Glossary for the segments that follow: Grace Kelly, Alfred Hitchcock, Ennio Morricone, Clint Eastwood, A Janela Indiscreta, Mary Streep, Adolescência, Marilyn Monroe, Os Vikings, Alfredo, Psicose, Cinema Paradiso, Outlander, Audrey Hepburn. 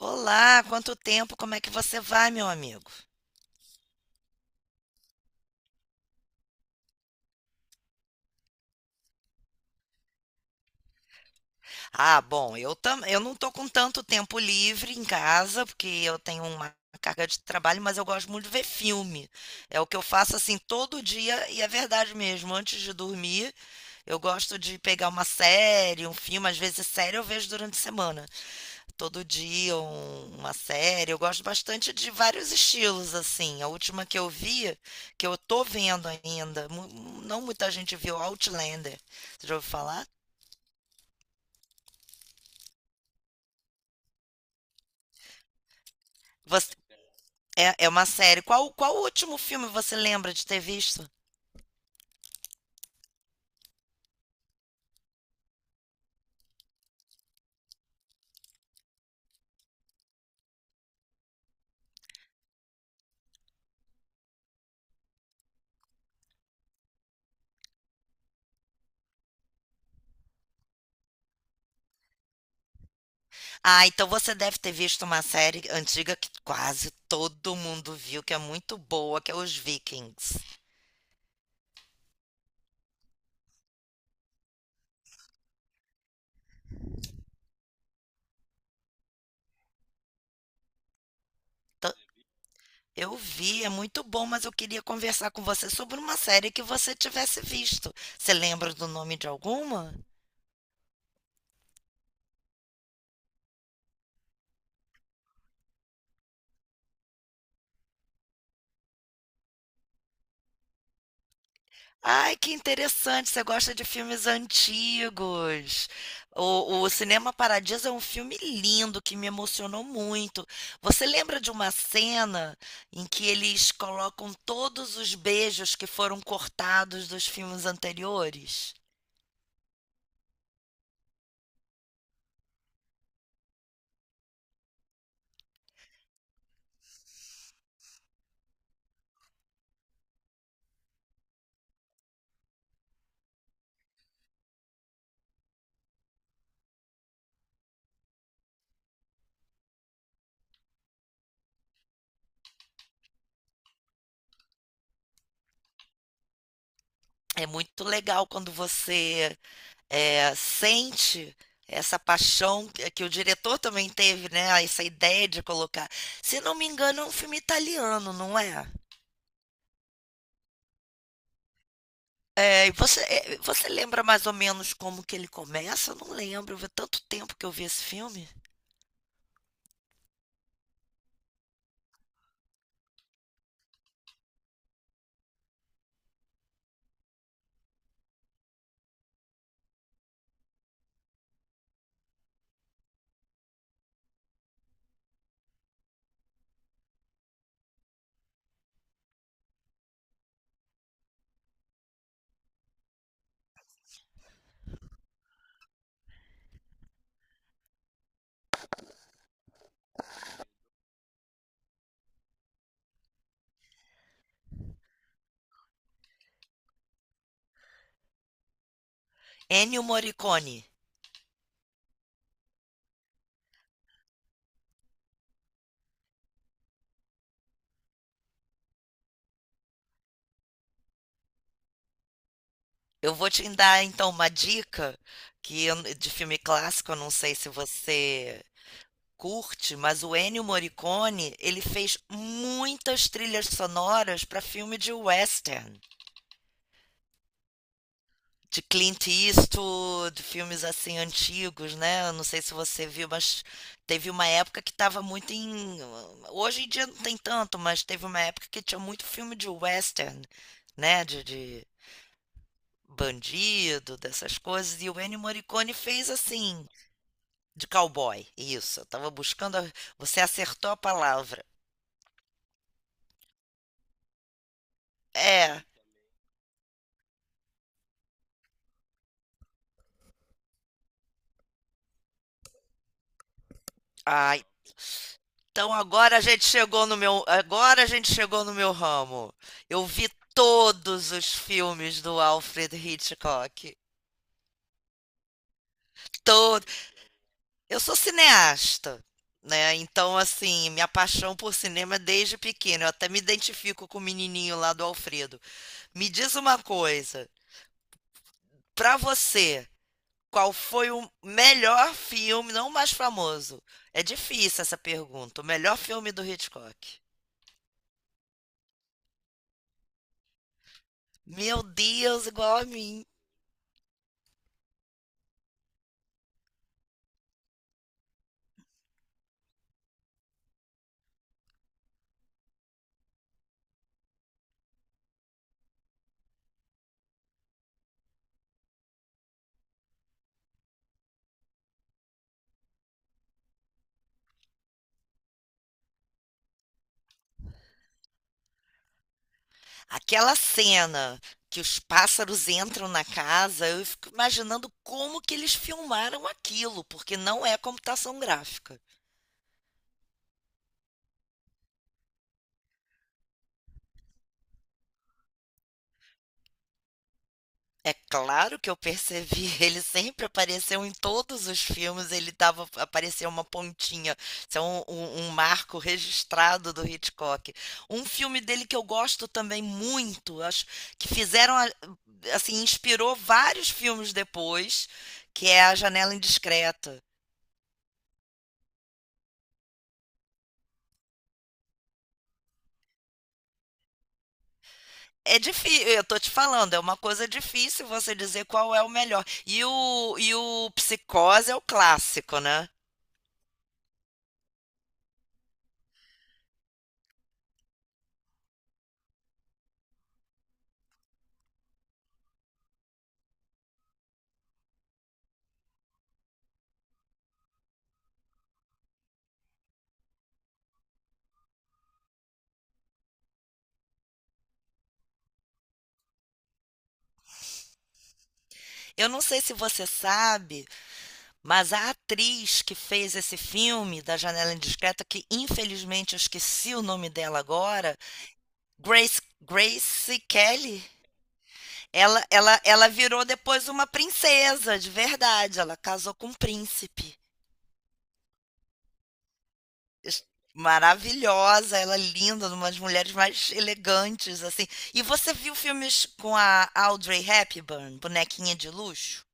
Olá, quanto tempo? Como é que você vai, meu amigo? Ah, bom, eu não tô com tanto tempo livre em casa, porque eu tenho uma carga de trabalho, mas eu gosto muito de ver filme. É o que eu faço assim todo dia e é verdade mesmo, antes de dormir, eu gosto de pegar uma série, um filme, às vezes série eu vejo durante a semana. Todo dia uma série. Eu gosto bastante de vários estilos, assim. A última que eu vi, que eu tô vendo ainda, não muita gente viu, Outlander. Você já ouviu falar? Você- é uma série. Qual o último filme você lembra de ter visto? Ah, então você deve ter visto uma série antiga que quase todo mundo viu, que é muito boa, que é Os Vikings. Então, eu vi, é muito bom, mas eu queria conversar com você sobre uma série que você tivesse visto. Você lembra do nome de alguma? Ai, que interessante, você gosta de filmes antigos. O Cinema Paradiso é um filme lindo que me emocionou muito. Você lembra de uma cena em que eles colocam todos os beijos que foram cortados dos filmes anteriores? É muito legal quando você sente essa paixão que o diretor também teve, né? Essa ideia de colocar. Se não me engano, é um filme italiano, não é? É, e você, você lembra mais ou menos como que ele começa? Eu não lembro, faz tanto tempo que eu vi esse filme. Ennio Morricone. Eu vou te dar então uma dica de filme clássico, eu não sei se você curte, mas o Ennio Morricone, ele fez muitas trilhas sonoras para filme de western. De Clint Eastwood, filmes assim antigos, né? Eu não sei se você viu, mas teve uma época que estava muito em. Hoje em dia não tem tanto, mas teve uma época que tinha muito filme de western, né? De bandido, dessas coisas. E o Ennio Morricone fez assim, de cowboy. Isso, eu tava buscando. Você acertou a palavra. É. Ai, então agora a gente chegou no meu, agora a gente chegou no meu ramo. Eu vi todos os filmes do Alfred Hitchcock. Todo. Eu sou cineasta, né? Então assim, minha paixão por cinema é desde pequeno. Eu até me identifico com o menininho lá do Alfredo. Me diz uma coisa, pra você, qual foi o melhor filme, não o mais famoso? É difícil essa pergunta. O melhor filme do Hitchcock. Meu Deus, igual a mim. Aquela cena que os pássaros entram na casa, eu fico imaginando como que eles filmaram aquilo, porque não é computação gráfica. É claro que eu percebi, ele sempre apareceu em todos os filmes, ele tava, apareceu uma pontinha, isso é um marco registrado do Hitchcock. Um filme dele que eu gosto também muito, acho que fizeram, assim, inspirou vários filmes depois, que é A Janela Indiscreta. É difícil, eu tô te falando, é uma coisa difícil você dizer qual é o melhor. E o Psicose é o clássico, né? Eu não sei se você sabe, mas a atriz que fez esse filme da Janela Indiscreta, que infelizmente eu esqueci o nome dela agora, Grace Kelly, ela virou depois uma princesa, de verdade. Ela casou com um príncipe. es- maravilhosa, ela é linda, uma das mulheres mais elegantes, assim. E você viu filmes com a Audrey Hepburn, bonequinha de luxo?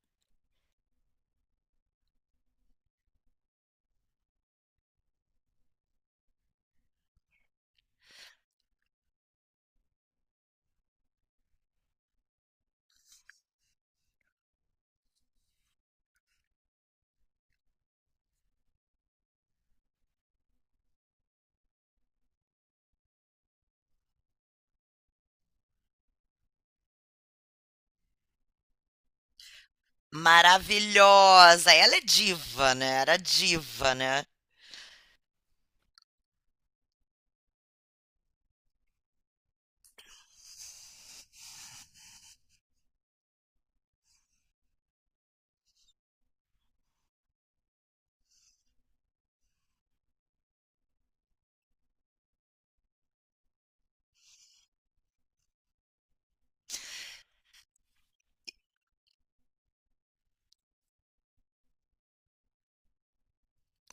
Maravilhosa, ela é diva, né? Era diva, né?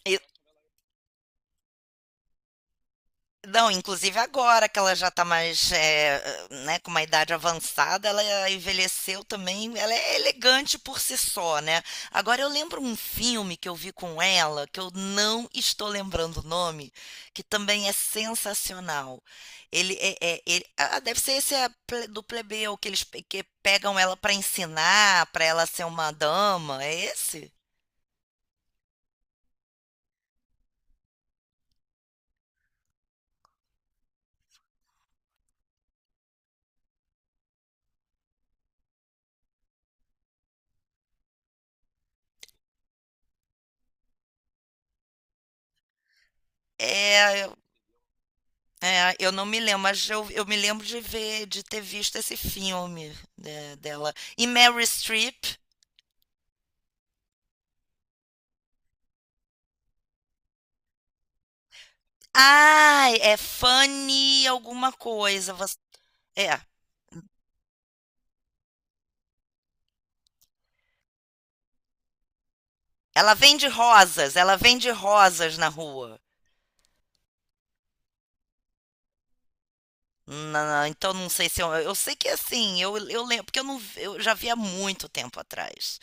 E Não, inclusive agora que ela já está mais, né, com uma idade avançada, ela envelheceu também, ela é elegante por si só, né? Agora eu lembro um filme que eu vi com ela, que eu não estou lembrando o nome, que também é sensacional. Ele deve ser esse é do plebeu que que pegam ela para ensinar, para ela ser uma dama, é esse? É, é, eu não me lembro, mas eu me lembro de ter visto esse filme né, dela. E Mary Streep. Ai, é Fanny alguma coisa. É. Ela vende rosas na rua. Então não sei se eu sei que assim, eu lembro, porque eu não vi- eu já vi há muito tempo atrás.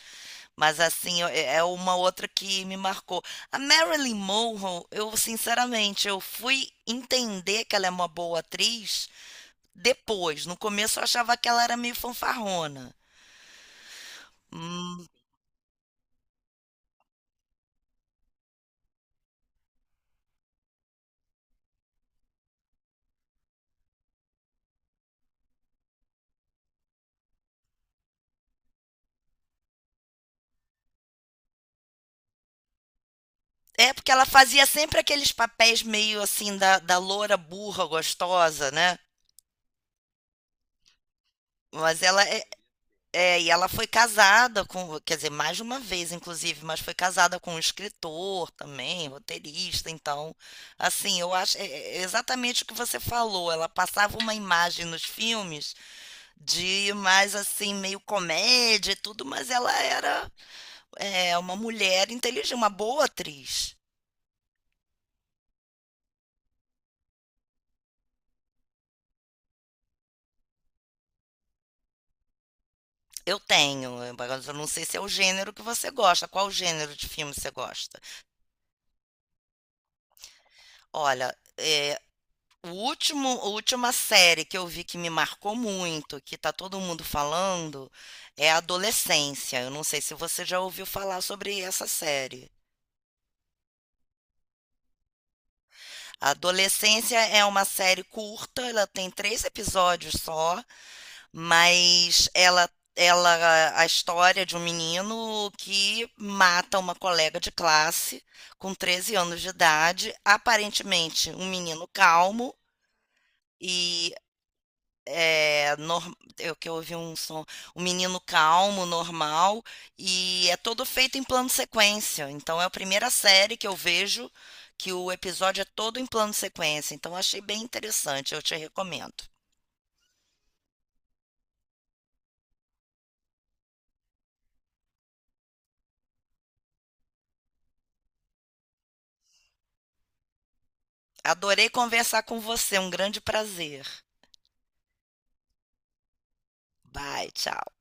Mas assim, é uma outra que me marcou. A Marilyn Monroe, eu sinceramente, eu fui entender que ela é uma boa atriz. Depois, no começo eu achava que ela era meio fanfarrona. Hum, é, porque ela fazia sempre aqueles papéis meio assim da loura burra gostosa, né? Mas ela é, é, e ela foi casada com, quer dizer, mais de uma vez, inclusive, mas foi casada com um escritor também, roteirista, então, assim, eu acho é exatamente o que você falou. Ela passava uma imagem nos filmes de mais assim, meio comédia e tudo, mas ela era uma mulher inteligente, uma boa atriz. Eu tenho, eu não sei se é o gênero que você gosta, qual gênero de filme você gosta. Olha, a última série que eu vi que me marcou muito, que tá todo mundo falando, é Adolescência. Eu não sei se você já ouviu falar sobre essa série. Adolescência é uma série curta, ela tem três episódios só. Mas a história de um menino que mata uma colega de classe com 13 anos de idade, aparentemente um menino calmo e eu que eu ouvi um som, um menino calmo, normal, e é todo feito em plano sequência. Então é a primeira série que eu vejo que o episódio é todo em plano sequência. Então achei bem interessante, eu te recomendo. Adorei conversar com você, um grande prazer. Bye, tchau.